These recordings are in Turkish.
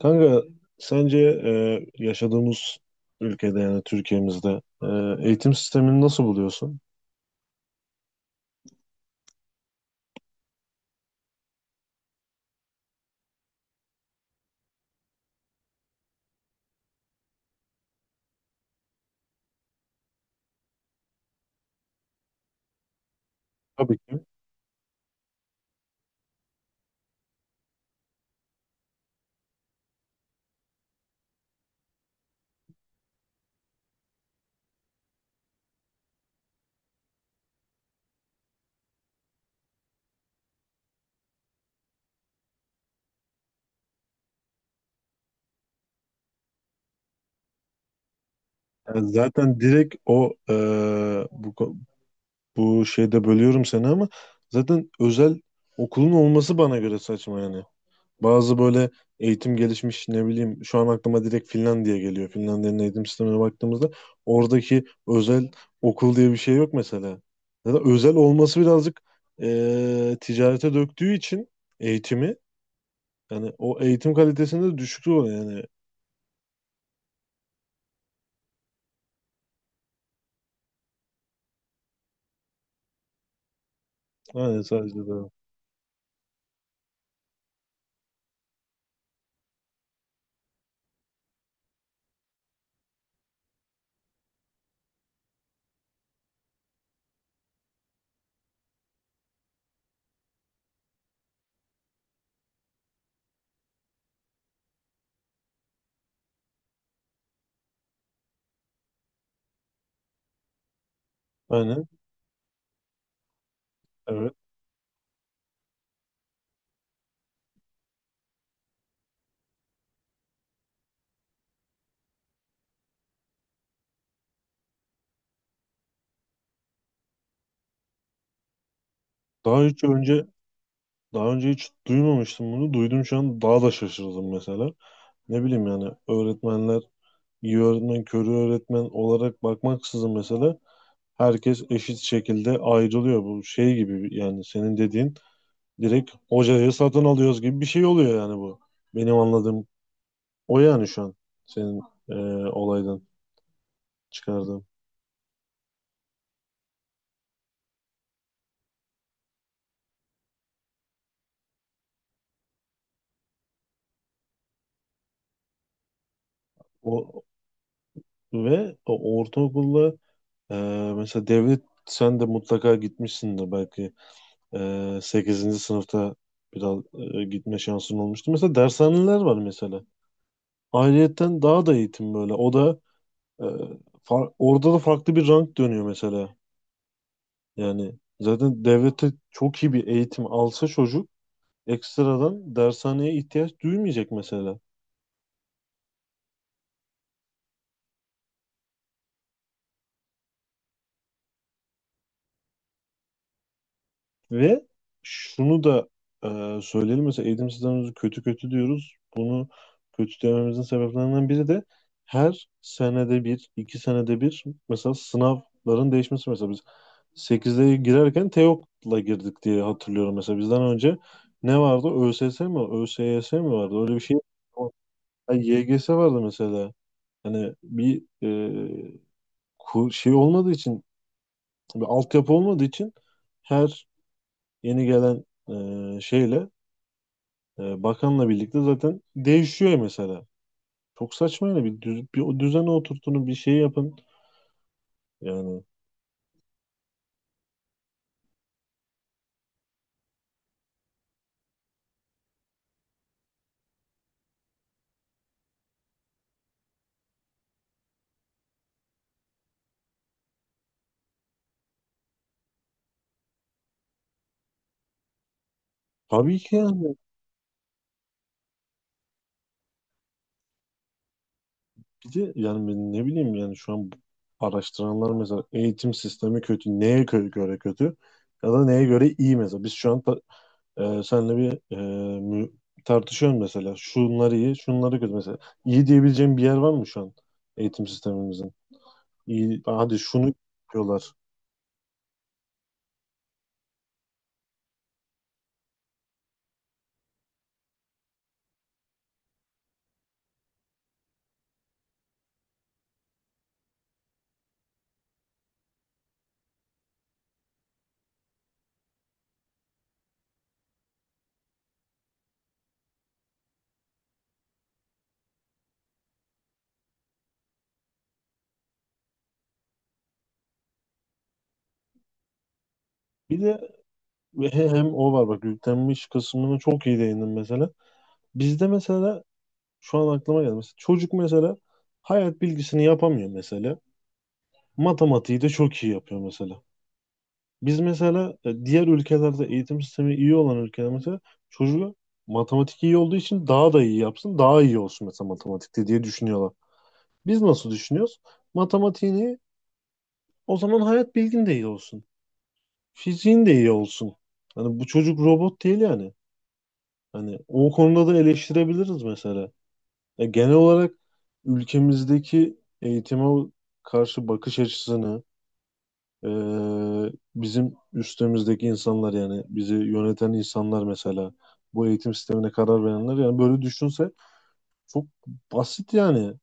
Kanka, sence yaşadığımız ülkede, yani Türkiye'mizde, eğitim sistemini nasıl buluyorsun? Tabii ki. Yani zaten direkt bu, bu şeyde bölüyorum seni, ama zaten özel okulun olması bana göre saçma yani. Bazı böyle eğitim gelişmiş, ne bileyim, şu an aklıma direkt Finlandiya geliyor. Finlandiya'nın eğitim sistemine baktığımızda oradaki özel okul diye bir şey yok mesela. Ya da özel olması birazcık ticarete döktüğü için eğitimi, yani o eğitim kalitesinde düşüklüğü oluyor yani. Aynen, sadece de. Aynen, evet. Daha hiç önce Daha önce hiç duymamıştım bunu. Duydum, şu an daha da şaşırdım mesela. Ne bileyim yani, öğretmenler iyi öğretmen, körü öğretmen olarak bakmaksızın mesela herkes eşit şekilde ayrılıyor. Bu şey gibi yani senin dediğin, direkt hocayı satın alıyoruz gibi bir şey oluyor yani bu. Benim anladığım o, yani şu an senin e, olaydan çıkardığım. O, Ve o ortaokulda, e, mesela devlet, sen de mutlaka gitmişsin de belki, 8. sınıfta biraz gitme şansın olmuştu. Mesela dershaneler var mesela. Ayrıyetten daha da eğitim böyle. O da e, orada da farklı bir rank dönüyor mesela. Yani zaten devlete çok iyi bir eğitim alsa çocuk ekstradan dershaneye ihtiyaç duymayacak mesela. Ve şunu da söyleyelim, mesela eğitim sistemimizi kötü kötü diyoruz. Bunu kötü dememizin sebeplerinden biri de her senede bir, iki senede bir mesela sınavların değişmesi, mesela biz 8'de girerken Teok'la girdik diye hatırlıyorum mesela. Bizden önce ne vardı? ÖSS mi? ÖSYS mi vardı? Öyle bir şey. O- Ay, YGS vardı mesela. Hani bir şey olmadığı için, bir altyapı olmadığı için, her yeni gelen şeyle, bakanla birlikte zaten değişiyor mesela. Çok saçma yani. Bir o düzene oturtun, bir şey yapın. Yani tabii ki yani. Bir de yani ben, ne bileyim yani, şu an araştıranlar mesela eğitim sistemi kötü. Göre kötü? Ya da neye göre iyi mesela. Biz şu an seninle bir mü- tartışıyoruz mesela. Şunlar iyi, şunları kötü mesela. İyi diyebileceğim bir yer var mı şu an eğitim sistemimizin? İyi, hadi şunu yapıyorlar. Bir de hem o var bak, yüklenmiş kısmını çok iyi değindim mesela. Bizde mesela şu an aklıma geldi. Mesela çocuk mesela hayat bilgisini yapamıyor mesela. Matematiği de çok iyi yapıyor mesela. Biz mesela diğer ülkelerde, eğitim sistemi iyi olan ülkelerde mesela, çocuğu matematik iyi olduğu için daha da iyi yapsın, daha iyi olsun mesela matematikte diye düşünüyorlar. Biz nasıl düşünüyoruz? Matematiğin iyi, o zaman hayat bilgin de iyi olsun. Fiziğin de iyi olsun. Hani bu çocuk robot değil yani. Hani o konuda da eleştirebiliriz mesela. Genel olarak ülkemizdeki eğitime karşı bakış açısını. Bizim üstümüzdeki insanlar, yani bizi yöneten insanlar mesela, bu eğitim sistemine karar verenler, yani böyle düşünse çok basit yani.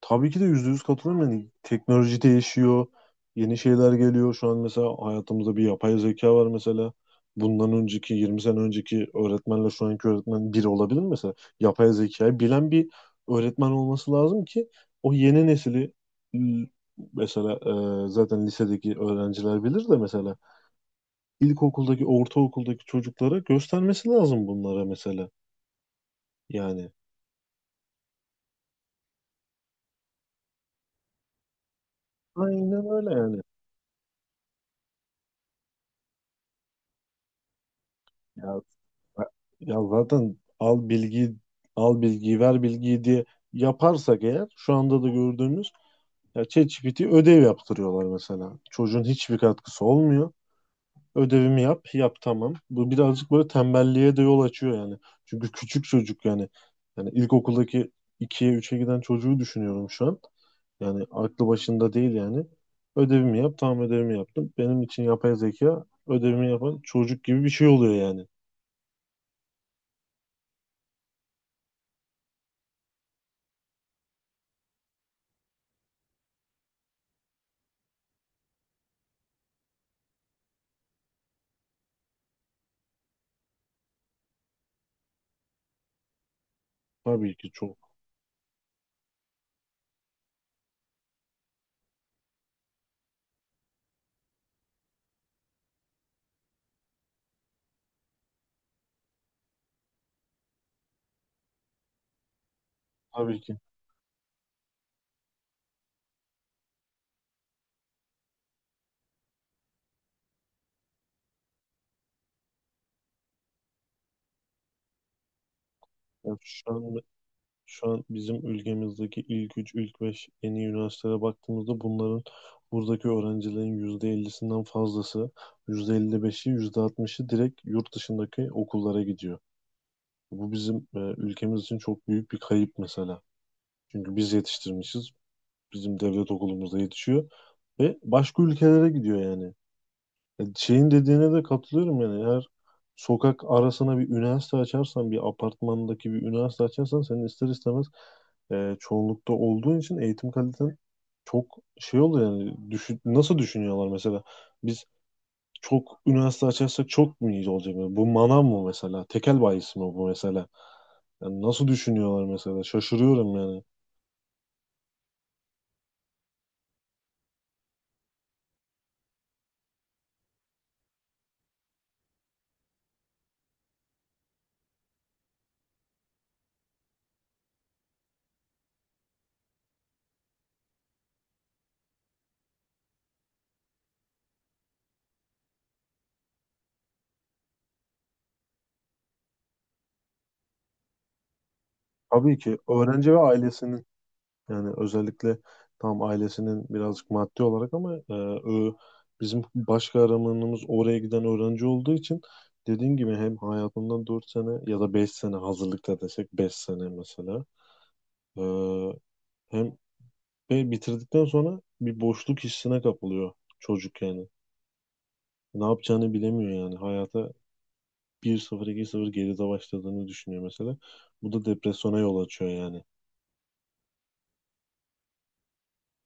Tabii ki de %100 katılıyorum. Yani teknoloji değişiyor. Yeni şeyler geliyor. Şu an mesela hayatımızda bir yapay zeka var mesela. Bundan önceki 20 sene önceki öğretmenle şu anki öğretmen bir olabilir mi mesela? Yapay zekayı bilen bir öğretmen olması lazım ki o yeni nesili l- mesela, zaten lisedeki öğrenciler bilir de mesela ilkokuldaki, ortaokuldaki çocuklara göstermesi lazım bunlara mesela. Yani aynen öyle yani. Ya, zaten, al bilgiyi ver bilgiyi diye yaparsak eğer, şu anda da gördüğümüz ya ChatGPT ödev yaptırıyorlar mesela. Çocuğun hiçbir katkısı olmuyor. Ödevimi yap, yap, tamam. Bu birazcık böyle tembelliğe de yol açıyor yani. Çünkü küçük çocuk yani. Yani ilkokuldaki ikiye üçe giden çocuğu düşünüyorum şu an. Yani aklı başında değil yani. Ödevimi yap, tamam, ödevimi yaptım. Benim için yapay zeka ödevimi yapan çocuk gibi bir şey oluyor yani. Tabii ki çok. Tabii ki. Yani şu an bizim ülkemizdeki ilk 3, ilk 5 en iyi üniversitelere baktığımızda bunların, buradaki öğrencilerin %50'sinden fazlası, %55'i, %60'ı direkt yurt dışındaki okullara gidiyor. Bu bizim, ülkemiz için çok büyük bir kayıp mesela. Çünkü biz yetiştirmişiz, bizim devlet okulumuzda yetişiyor ve başka ülkelere gidiyor yani. Şeyin dediğine de katılıyorum yani. Eğer sokak arasına bir üniversite açarsan, bir apartmandaki bir üniversite açarsan, senin ister istemez çoğunlukta olduğun için eğitim kaliten çok şey oluyor yani. Düşün, nasıl düşünüyorlar mesela? Biz çok üniversite açarsak çok mu iyi olacak? Yani bu manav mı mesela, tekel bayisi mi bu mesela? Yani nasıl düşünüyorlar mesela? Şaşırıyorum yani. Tabii ki öğrenci ve ailesinin. Yani özellikle tam ailesinin birazcık maddi olarak, ama bizim baş kahramanımız oraya giden öğrenci olduğu için, dediğim gibi hem hayatından 4 sene ya da 5 sene, hazırlıkta desek 5 sene mesela, e, hem ve bitirdikten sonra bir boşluk hissine kapılıyor çocuk yani. Ne yapacağını bilemiyor yani. Hayata bir 0 iki 0 geride başladığını düşünüyor mesela. Bu da depresyona yol açıyor yani.